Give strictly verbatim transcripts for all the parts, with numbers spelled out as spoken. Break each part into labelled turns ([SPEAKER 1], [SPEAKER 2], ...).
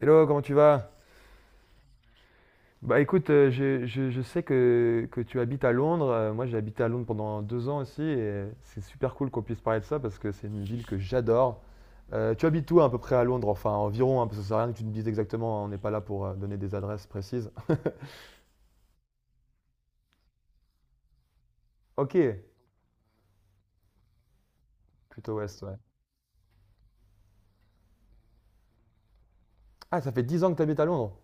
[SPEAKER 1] Hello, comment tu vas? Bah écoute, euh, je, je- je sais que, que tu habites à Londres. Euh, Moi, j'ai habité à Londres pendant deux ans aussi et c'est super cool qu'on puisse parler de ça parce que c'est une ville que j'adore. Euh, tu habites où à peu près à Londres? Enfin, environ, hein, parce que ça sert à rien que tu me dises exactement, hein, on n'est pas là pour euh, donner des adresses précises. Ok, plutôt ouest, ouais. Ah, ça fait dix ans que tu habites à Londres?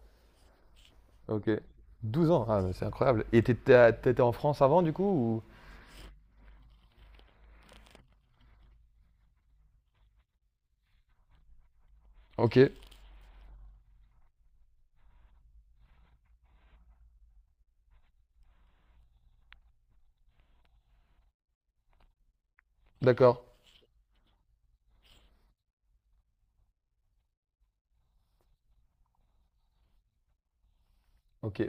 [SPEAKER 1] Ok. Douze ans, ah, mais c'est incroyable. Et t'étais à- t'étais en France avant du coup ou... Ok, d'accord. Ok.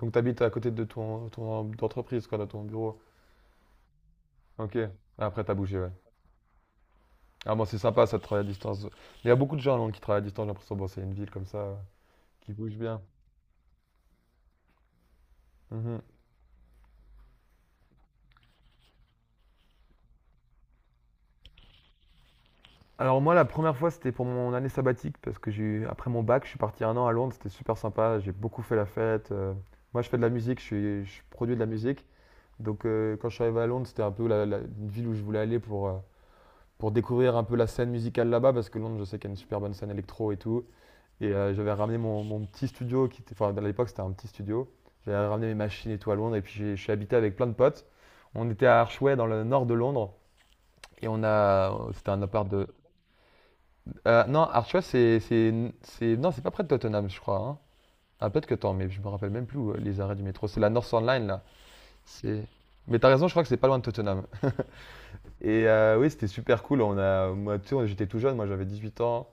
[SPEAKER 1] Donc t'habites à côté de ton, ton entreprise, quoi, de ton bureau. Ok. Après, t'as bougé, ouais. Ah bon, c'est sympa, ça de travailler à distance. Il y a beaucoup de gens, non, qui travaillent à distance, j'ai l'impression. Bon, c'est une ville comme ça, euh, qui bouge bien. Mhm. Alors moi, la première fois, c'était pour mon année sabbatique, parce que j'ai eu- après mon bac, je suis parti un an à Londres, c'était super sympa, j'ai beaucoup fait la fête. euh. moi, je fais de la musique, je, suis- je produis de la musique. Donc euh, quand je suis arrivé à Londres, c'était un peu la, la- une ville où je voulais aller pour, euh, pour découvrir un peu la scène musicale là-bas, parce que Londres, je sais qu'il y a une super bonne scène électro et tout. Et euh, j'avais ramené mon, mon petit studio, qui était, enfin à l'époque c'était un petit studio. J'avais ramené mes machines et tout à Londres et puis j'ai- je suis habité avec plein de potes. On était à Archway dans le nord de Londres et on a, euh, c'était un appart de. euh, non, Archway c'est, c'est, c'est, non, c'est pas près de Tottenham, je crois, hein. Ah peut-être que tant, mais je me rappelle même plus où, euh, les arrêts du métro. C'est la North Line là. C'est. Mais t'as raison, je crois que c'est pas loin de Tottenham. Et euh, oui, c'était super cool. On a, moi, tu sais, j'étais tout jeune, moi j'avais dix-huit ans.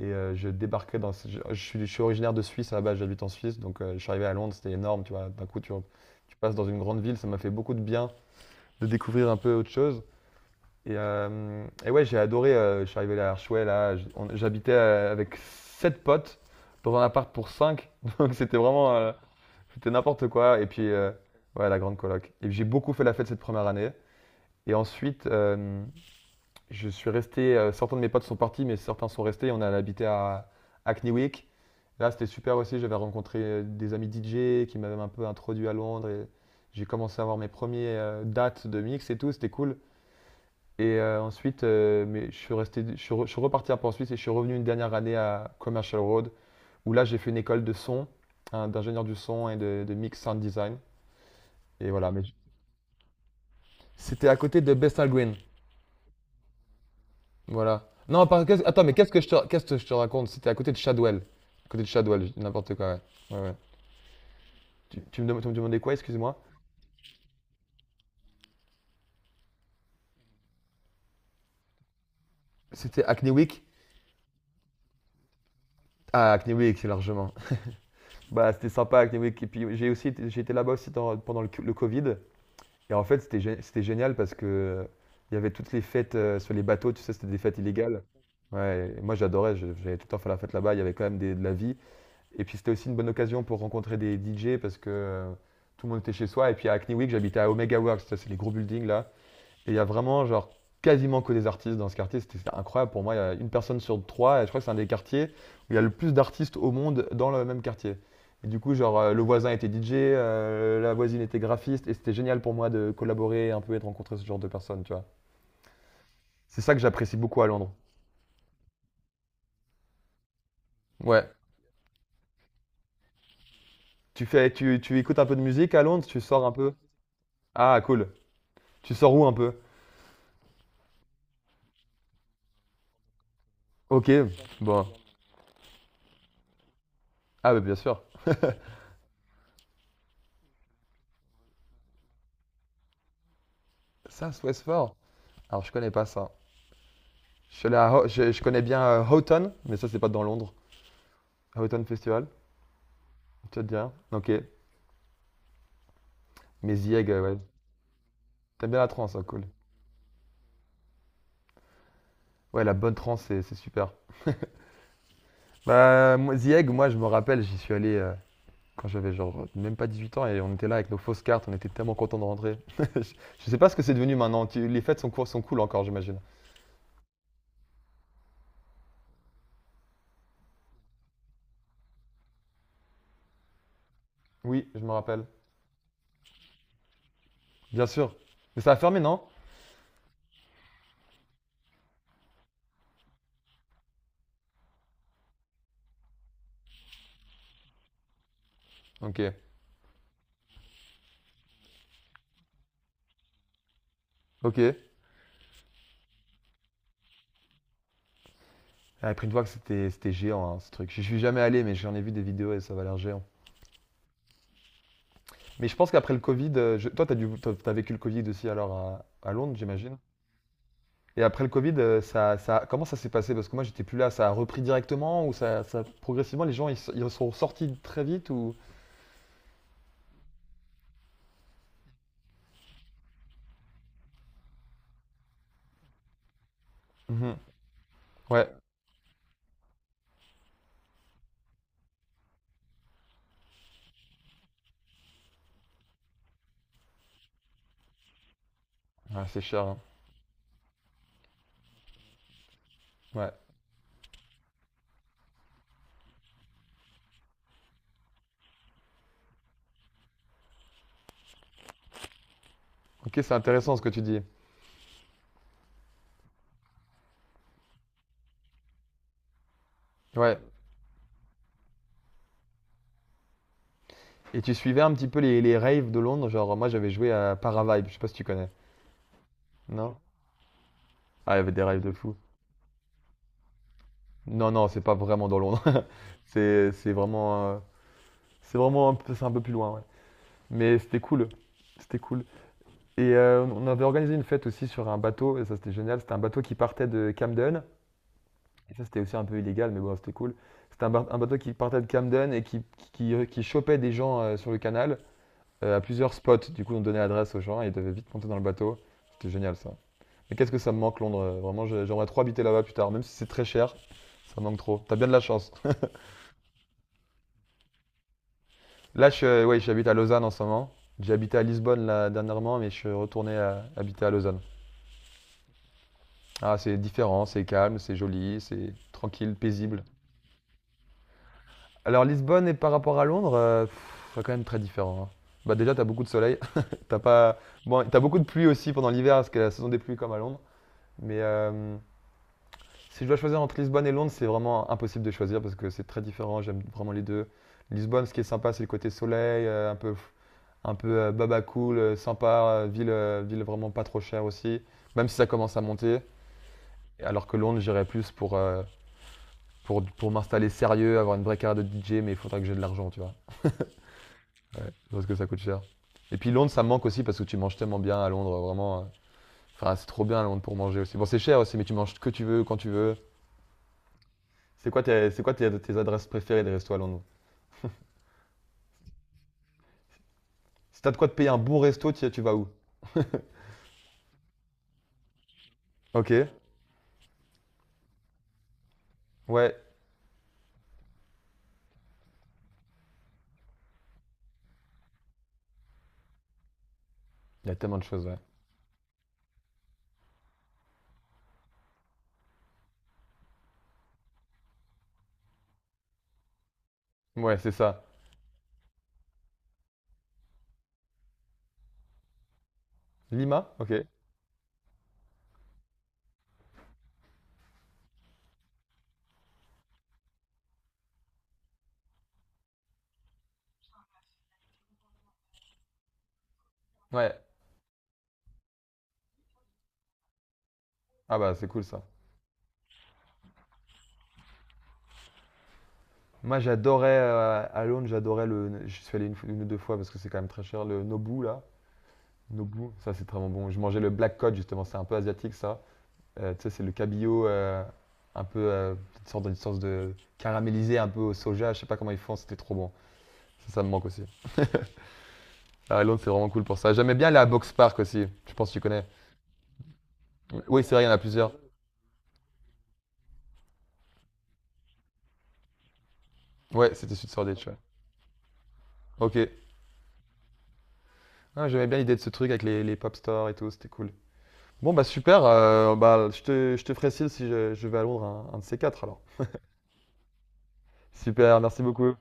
[SPEAKER 1] Et euh, je débarquais dans. Je, je suis, je suis originaire de Suisse à la base, j'habite en Suisse, donc euh, je suis arrivé à Londres, c'était énorme, tu vois. D'un coup, tu, tu passes dans une grande ville, ça m'a fait beaucoup de bien de découvrir un peu autre chose. Et, euh, et ouais, j'ai adoré, euh, je suis arrivé à Archouet, là, j- on- j'habitais euh, avec sept potes dans un appart pour cinq donc c'était vraiment. Euh, c'était n'importe quoi. Et puis, euh, ouais, la grande coloc. Et j'ai beaucoup fait la fête cette première année. Et ensuite, euh, je suis resté, euh, certains de mes potes sont partis, mais certains sont restés. On a habité à Hackneywick. Là, c'était super aussi. J'avais rencontré euh, des amis D J qui m'avaient un peu introduit à Londres. Et j'ai commencé à avoir mes premières euh, dates de mix et tout. C'était cool. Et euh, ensuite, euh, mais je suis resté, je suis, re- je suis reparti un peu en Suisse et je suis revenu une dernière année à Commercial Road, où là, j'ai fait une école de son, hein, d'ingénieur du son et de, de mix sound design. Et voilà, mais j- c'était à côté de Bethnal Green. Voilà. Non, par- qu'est-ce- attends, mais qu'est-ce que je te, qu'est-ce que je te raconte? C'était à côté de Shadwell. À côté de Shadwell, je dis n'importe quoi, ouais. Ouais, ouais. Tu, tu me, dem- tu me demandais quoi, excuse-moi? C'était Hackney Week? Ah, Hackney Week, c'est largement. Bah, c'était sympa, Hackney Week. Et puis, j'ai aussi, été- j'ai été là-bas aussi dans- pendant le, co- le Covid. Et en fait, c'était, gé- c'était génial parce que euh, il y avait toutes les fêtes euh, sur les bateaux, tu sais, c'était des fêtes illégales. Ouais, et moi j'adorais, je- j'allais tout le temps faire la fête là-bas, il y avait quand même des- de la vie. Et puis c'était aussi une bonne occasion pour rencontrer des D J parce que euh, tout le monde était chez soi. Et puis à Hackney Week, j'habitais à Omega Works, ça c'est les gros buildings là. Et il y a vraiment genre quasiment que des artistes dans ce quartier. C'était incroyable pour moi. Il y a une personne sur trois et je crois que c'est un des quartiers où il y a le plus d'artistes au monde dans le même quartier. Et du coup, genre, euh, le voisin était D J, euh, la voisine était graphiste, et c'était génial pour moi de collaborer un peu et de rencontrer ce genre de personnes, tu vois. C'est ça que j'apprécie beaucoup à Londres. Ouais. Tu fais, tu, tu écoutes un peu de musique à Londres, tu sors un peu. Ah, cool. Tu sors où un peu? Ok, bon. Ah, bah, bien sûr. Ça, c'est Westford. Alors, je connais pas ça. Je suis allé à Ho- je, je connais bien euh, Houghton, mais ça, c'est pas dans Londres. Houghton Festival, tu vas te dire. Ok. Mais The Egg, euh, ouais. T'aimes bien la trance, hein, cool. Ouais, la bonne trance, c'est c'est super. Bah, moi, The Egg, moi, je me rappelle, j'y suis allé euh, quand j'avais genre même pas dix-huit ans et on était là avec nos fausses cartes, on était tellement contents de rentrer. Je, je sais pas ce que c'est devenu maintenant. Tu- les fêtes sont, cool- sont cool encore, j'imagine. Oui, je me rappelle. Bien sûr. Mais ça a fermé, non? Ok. Ok. J'avais pris une fois que c'était c'était géant, hein, ce truc. Je suis jamais allé, mais j'en ai vu des vidéos et ça va l'air géant. Mais je pense qu'après le Covid, euh, je- toi t'as dû, t'as t'as vécu le Covid aussi alors à, à Londres, j'imagine. Et après le Covid, euh, ça, ça, comment ça s'est passé? Parce que moi j'étais plus là, ça a repris directement ou ça, ça progressivement les gens ils, s- ils sont sortis très vite ou? Mhm. Ouais, Ouais, c'est cher, hein. Ouais. Ok, c'est intéressant ce que tu dis. Ouais. Et tu suivais un petit peu les, les raves de Londres, genre moi j'avais joué à Paravibe, je sais pas si tu connais. Non? Ah, il y avait des raves de fou. Non, non, c'est pas vraiment dans Londres. C'est c'est vraiment, euh, c'est vraiment un peu, c'est un peu plus loin, ouais. Mais c'était cool. C'était cool. Et euh, on avait organisé une fête aussi sur un bateau, et ça c'était génial. C'était un bateau qui partait de Camden. Et ça c'était aussi un peu illégal, mais bon, c'était cool. C'était un, ba- un bateau qui partait de Camden et qui, qui, qui chopait des gens euh, sur le canal euh, à plusieurs spots. Du coup, on donnait l'adresse aux gens et ils devaient vite monter dans le bateau. C'était génial, ça. Mais qu'est-ce que ça me manque, Londres? euh, Vraiment, j'ai- j'aimerais trop habiter là-bas plus tard, même si c'est très cher. Ça me manque trop. T'as bien de la chance. Là, je, suis- euh, ouais, j'habite à Lausanne en ce moment. J'ai habité à Lisbonne là, dernièrement, mais je suis retourné à- habiter à Lausanne. Ah, c'est différent, c'est calme, c'est joli, c'est tranquille, paisible. Alors Lisbonne et par rapport à Londres, euh, pff, c'est quand même très différent, hein. Bah déjà, t'as beaucoup de soleil. T'as pas... Bon, t'as beaucoup de pluie aussi pendant l'hiver, parce que la saison des pluies comme à Londres. Mais euh, si je dois choisir entre Lisbonne et Londres, c'est vraiment impossible de choisir parce que c'est très différent. J'aime vraiment les deux. Lisbonne, ce qui est sympa, c'est le côté soleil, euh, un peu un peu euh, baba cool, euh, sympa, euh, ville, euh, ville vraiment pas trop chère aussi, même si ça commence à monter. Alors que Londres, j'irais plus pour, euh, pour, pour m'installer sérieux, avoir une vraie carrière de D J, mais il faudra que j'ai de l'argent, tu vois. Ouais, parce que ça coûte cher. Et puis Londres, ça me manque aussi parce que tu manges tellement bien à Londres, vraiment. euh, Enfin, c'est trop bien à Londres pour manger aussi. Bon, c'est cher aussi, mais tu manges ce que tu veux, quand tu veux. C'est quoi tes, c'est quoi tes, tes adresses préférées des restos à Londres? Si t'as de quoi te payer un bon resto, tu, tu vas où? Ok. Ouais. Il y a tellement de choses, ouais. Ouais, c'est ça. Lima? Ok. Ouais. Ah bah c'est cool, ça. Moi j'adorais euh, à Londres, j'adorais le. Je suis allé une, fois- une ou deux fois parce que c'est quand même très cher, le Nobu là. Nobu, ça c'est vraiment bon. bon. Je mangeais le black cod justement, c'est un peu asiatique, ça. Euh, tu sais, c'est le cabillaud euh, un peu. euh, une sorte, une sorte de caramélisé un peu au soja, je sais pas comment ils font, c'était trop bon. Ça, ça me manque aussi. À Londres c'est vraiment cool pour ça. J'aimais bien aller à Box Park aussi, je pense que tu connais. Oui, c'est vrai, il y en a plusieurs. Ouais, c'était Sud Shoreditch, ouais. Ok. Ah, J'aimais bien l'idée de ce truc avec les, les pop stores et tout, c'était cool. Bon, bah super. euh, bah, je te, je te ferai signe si je, je vais à Londres un, un de ces quatre alors. Super, merci beaucoup.